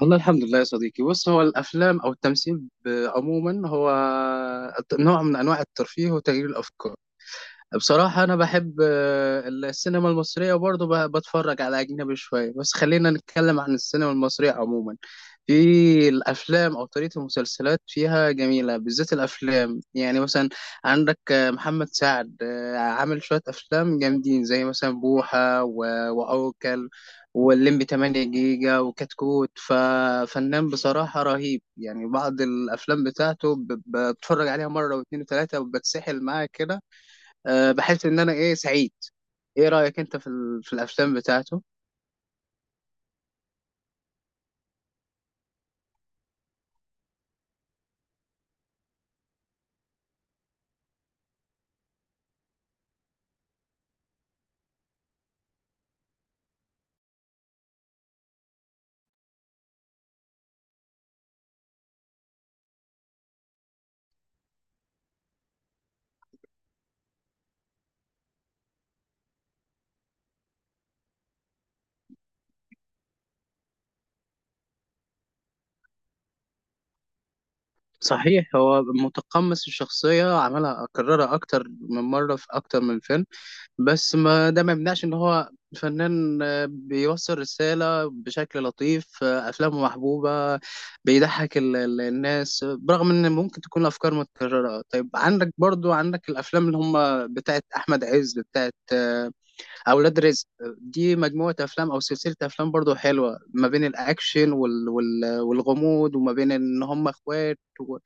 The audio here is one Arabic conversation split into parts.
والله الحمد لله يا صديقي. بص، هو الافلام او التمثيل عموما هو نوع من انواع الترفيه وتغيير الافكار. بصراحة أنا بحب السينما المصرية وبرضه بتفرج على أجنبي شوية. بس خلينا نتكلم عن السينما المصرية عموما. في الأفلام أو طريقة المسلسلات فيها جميلة، بالذات الأفلام. يعني مثلا عندك محمد سعد، عامل شوية أفلام جامدين زي مثلا بوحة وعوكل واللمبي 8 جيجا وكتكوت. ففنان بصراحة رهيب، يعني بعض الأفلام بتاعته بتفرج عليها مرة واتنين وتلاتة وبتسحل معاه كده. أه بحس ان انا ايه سعيد. ايه رأيك انت في في الافلام بتاعته؟ صحيح هو متقمص الشخصية، عملها أكررها أكتر من مرة في أكتر من فيلم، بس ما ده ما يمنعش إن هو فنان، بيوصل رسالة بشكل لطيف، أفلامه محبوبة، بيضحك الناس برغم إن ممكن تكون الأفكار متكررة. طيب عندك برضو، عندك الأفلام اللي هم بتاعت أحمد عز، بتاعت اولاد رزق. دي مجموعه افلام او سلسله افلام برضو حلوه، ما بين الاكشن والغموض، وما بين ان هم اخوات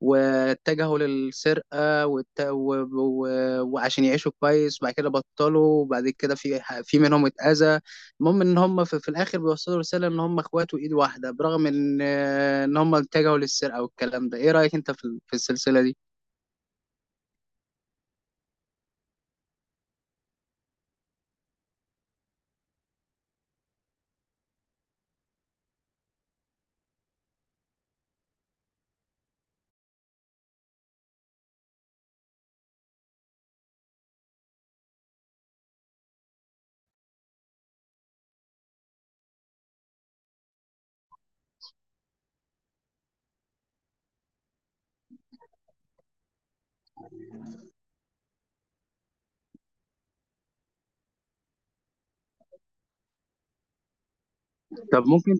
واتجهوا للسرقه وعشان يعيشوا كويس. بعد كده بطلوا، وبعد كده في منهم اتاذى. المهم ان هم في الاخر بيوصلوا رساله ان هم اخوات وايد واحده برغم ان هم اتجهوا للسرقه والكلام ده. ايه رايك انت في, في السلسله دي؟ طب ممكن.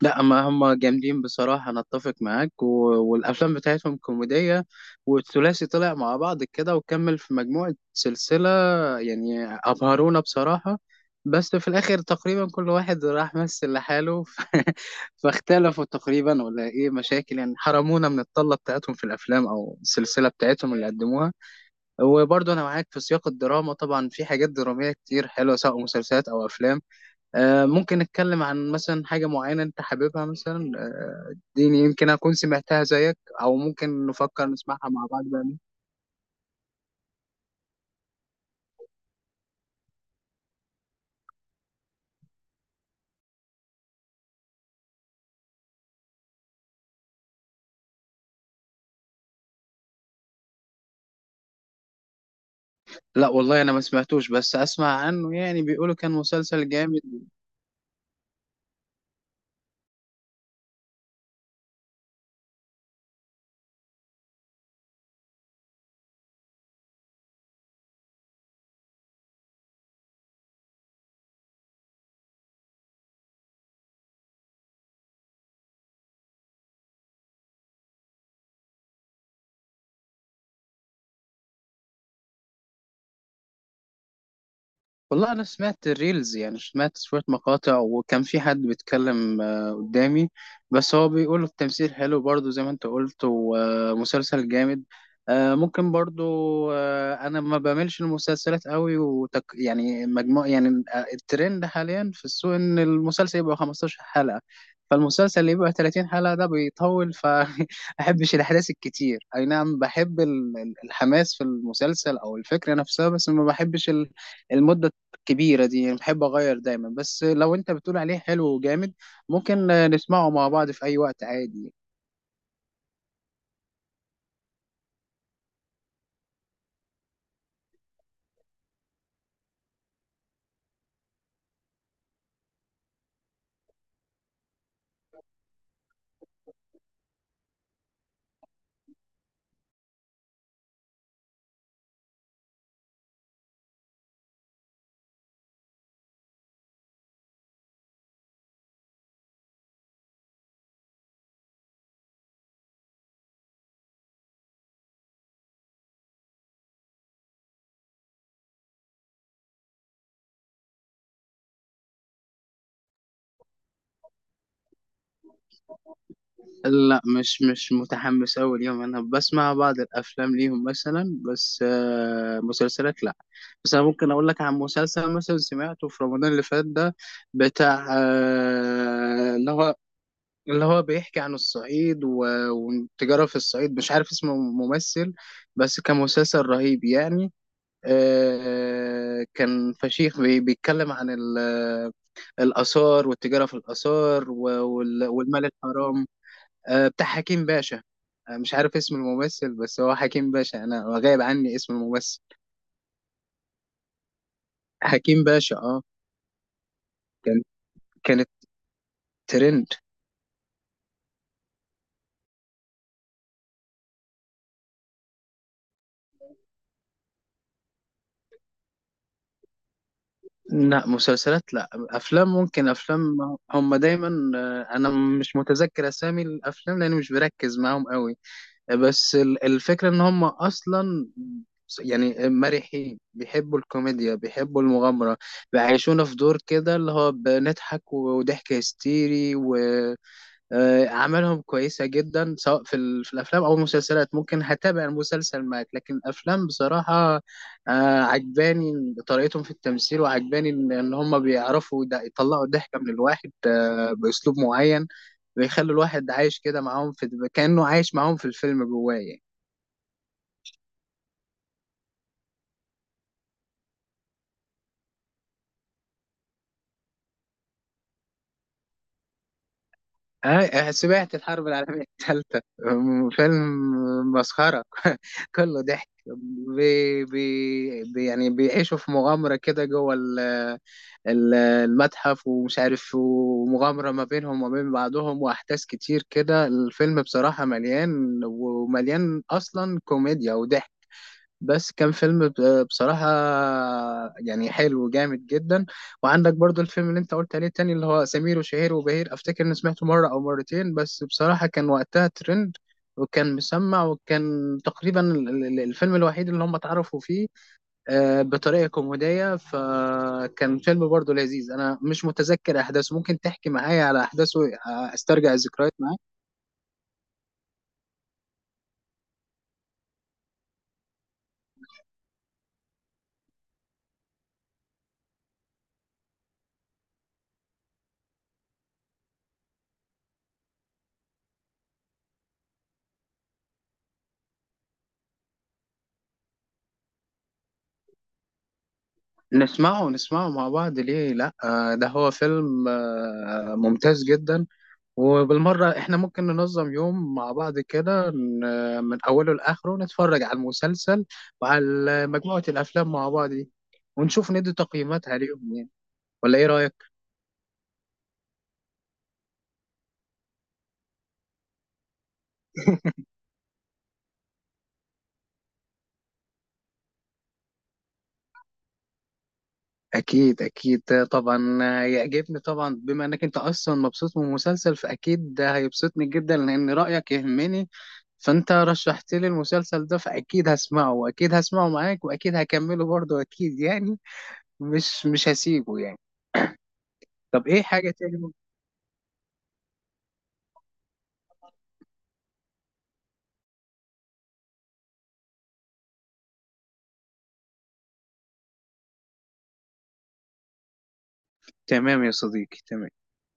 لا ما هم جامدين بصراحة، أنا أتفق معاك. والأفلام بتاعتهم كوميدية، والثلاثي طلع مع بعض كده وكمل في مجموعة سلسلة، يعني أبهرونا بصراحة. بس في الآخر تقريبا كل واحد راح مثل لحاله فاختلفوا تقريبا ولا إيه مشاكل، يعني حرمونا من الطلة بتاعتهم في الأفلام أو السلسلة بتاعتهم اللي قدموها. وبرضه أنا معاك في سياق الدراما، طبعا في حاجات درامية كتير حلوة سواء مسلسلات أو أفلام. ممكن نتكلم عن مثلا حاجة معينة أنت حاببها مثلا، دي يمكن أكون سمعتها زيك، أو ممكن نفكر نسمعها مع بعض بقى. لا والله أنا ما سمعتوش، بس أسمع عنه يعني، بيقولوا كان مسلسل جامد. والله انا سمعت الريلز، يعني سمعت شويه مقاطع وكان في حد بيتكلم قدامي، بس هو بيقول التمثيل حلو برضو زي ما انت قلت، ومسلسل جامد. ممكن برضو. انا ما بعملش المسلسلات قوي وتك يعني مجموع يعني. الترند حاليا في السوق ان المسلسل يبقى 15 حلقه، فالمسلسل اللي يبقى 30 حلقه ده بيطول. فاحبش الاحداث الكتير. اي نعم بحب الحماس في المسلسل او الفكره نفسها، بس ما بحبش المدة كبيرة دي، يعني بحب أغير دايما. بس لو أنت بتقول عليه حلو وجامد، ممكن نسمعه مع بعض في أي وقت عادي. لا مش متحمس أوي ليهم، أنا بسمع بعض الأفلام ليهم مثلا بس، مسلسلات لا. بس أنا ممكن أقول لك عن مسلسل مثلا سمعته في رمضان اللي فات ده، بتاع اللي هو بيحكي عن الصعيد والتجارة في الصعيد، مش عارف اسمه ممثل، بس كان مسلسل رهيب يعني. كان فشيخ بيتكلم عن الآثار والتجارة في الآثار والمال الحرام. بتاع حكيم باشا. مش عارف اسم الممثل، بس هو حكيم باشا، أنا غايب عني اسم الممثل. حكيم باشا اه. كان، كانت ترند. لا مسلسلات لا، أفلام ممكن، أفلام هم دايما. أنا مش متذكر أسامي الأفلام لأني مش بركز معاهم قوي، بس الفكرة ان هم اصلا يعني مرحين، بيحبوا الكوميديا، بيحبوا المغامرة، بيعيشونا في دور كده اللي هو بنضحك وضحك هستيري، وأعمالهم كويسة جدا سواء في, في الأفلام أو المسلسلات. ممكن هتابع المسلسل معاك، لكن الأفلام بصراحة عجباني طريقتهم في التمثيل، وعجباني إن هم بيعرفوا يطلعوا الضحكة من الواحد بأسلوب معين، بيخلي الواحد عايش كده معاهم، في كأنه عايش معاهم في الفيلم جواه يعني. آه سمعت الحرب العالمية الثالثة فيلم مسخرة كله ضحك. يعني بيعيشوا في مغامرة كده جوه المتحف ومش عارف، ومغامرة ما بينهم وما بين بعضهم وأحداث كتير كده. الفيلم بصراحة مليان، ومليان أصلا كوميديا وضحك، بس كان فيلم بصراحة يعني حلو جامد جدا. وعندك برضو الفيلم اللي انت قلت عليه التاني اللي هو سمير وشهير وبهير، افتكر اني سمعته مرة او مرتين، بس بصراحة كان وقتها ترند وكان مسمع، وكان تقريبا الفيلم الوحيد اللي هم اتعرفوا فيه بطريقة كوميدية. فكان فيلم برضو لذيذ، انا مش متذكر احداثه، ممكن تحكي معايا على احداثه، استرجع الذكريات معاك. نسمعه، نسمعه مع بعض ليه لا، ده هو فيلم ممتاز جدا. وبالمرة احنا ممكن ننظم يوم مع بعض كده، من أوله لآخره نتفرج على المسلسل وعلى مجموعة الأفلام مع بعض دي، ونشوف ندي تقييمات عليهم يعني. ولا ايه رأيك؟ أكيد أكيد طبعا. يعجبني طبعا، بما إنك أنت أصلا مبسوط من المسلسل فأكيد ده هيبسطني جدا لأن رأيك يهمني، فأنت رشحت لي المسلسل ده فأكيد هسمعه، وأكيد هسمعه معاك، وأكيد هكمله برضه أكيد يعني، مش هسيبه يعني. طب ايه حاجة تاني؟ تمام يا صديقي تمام.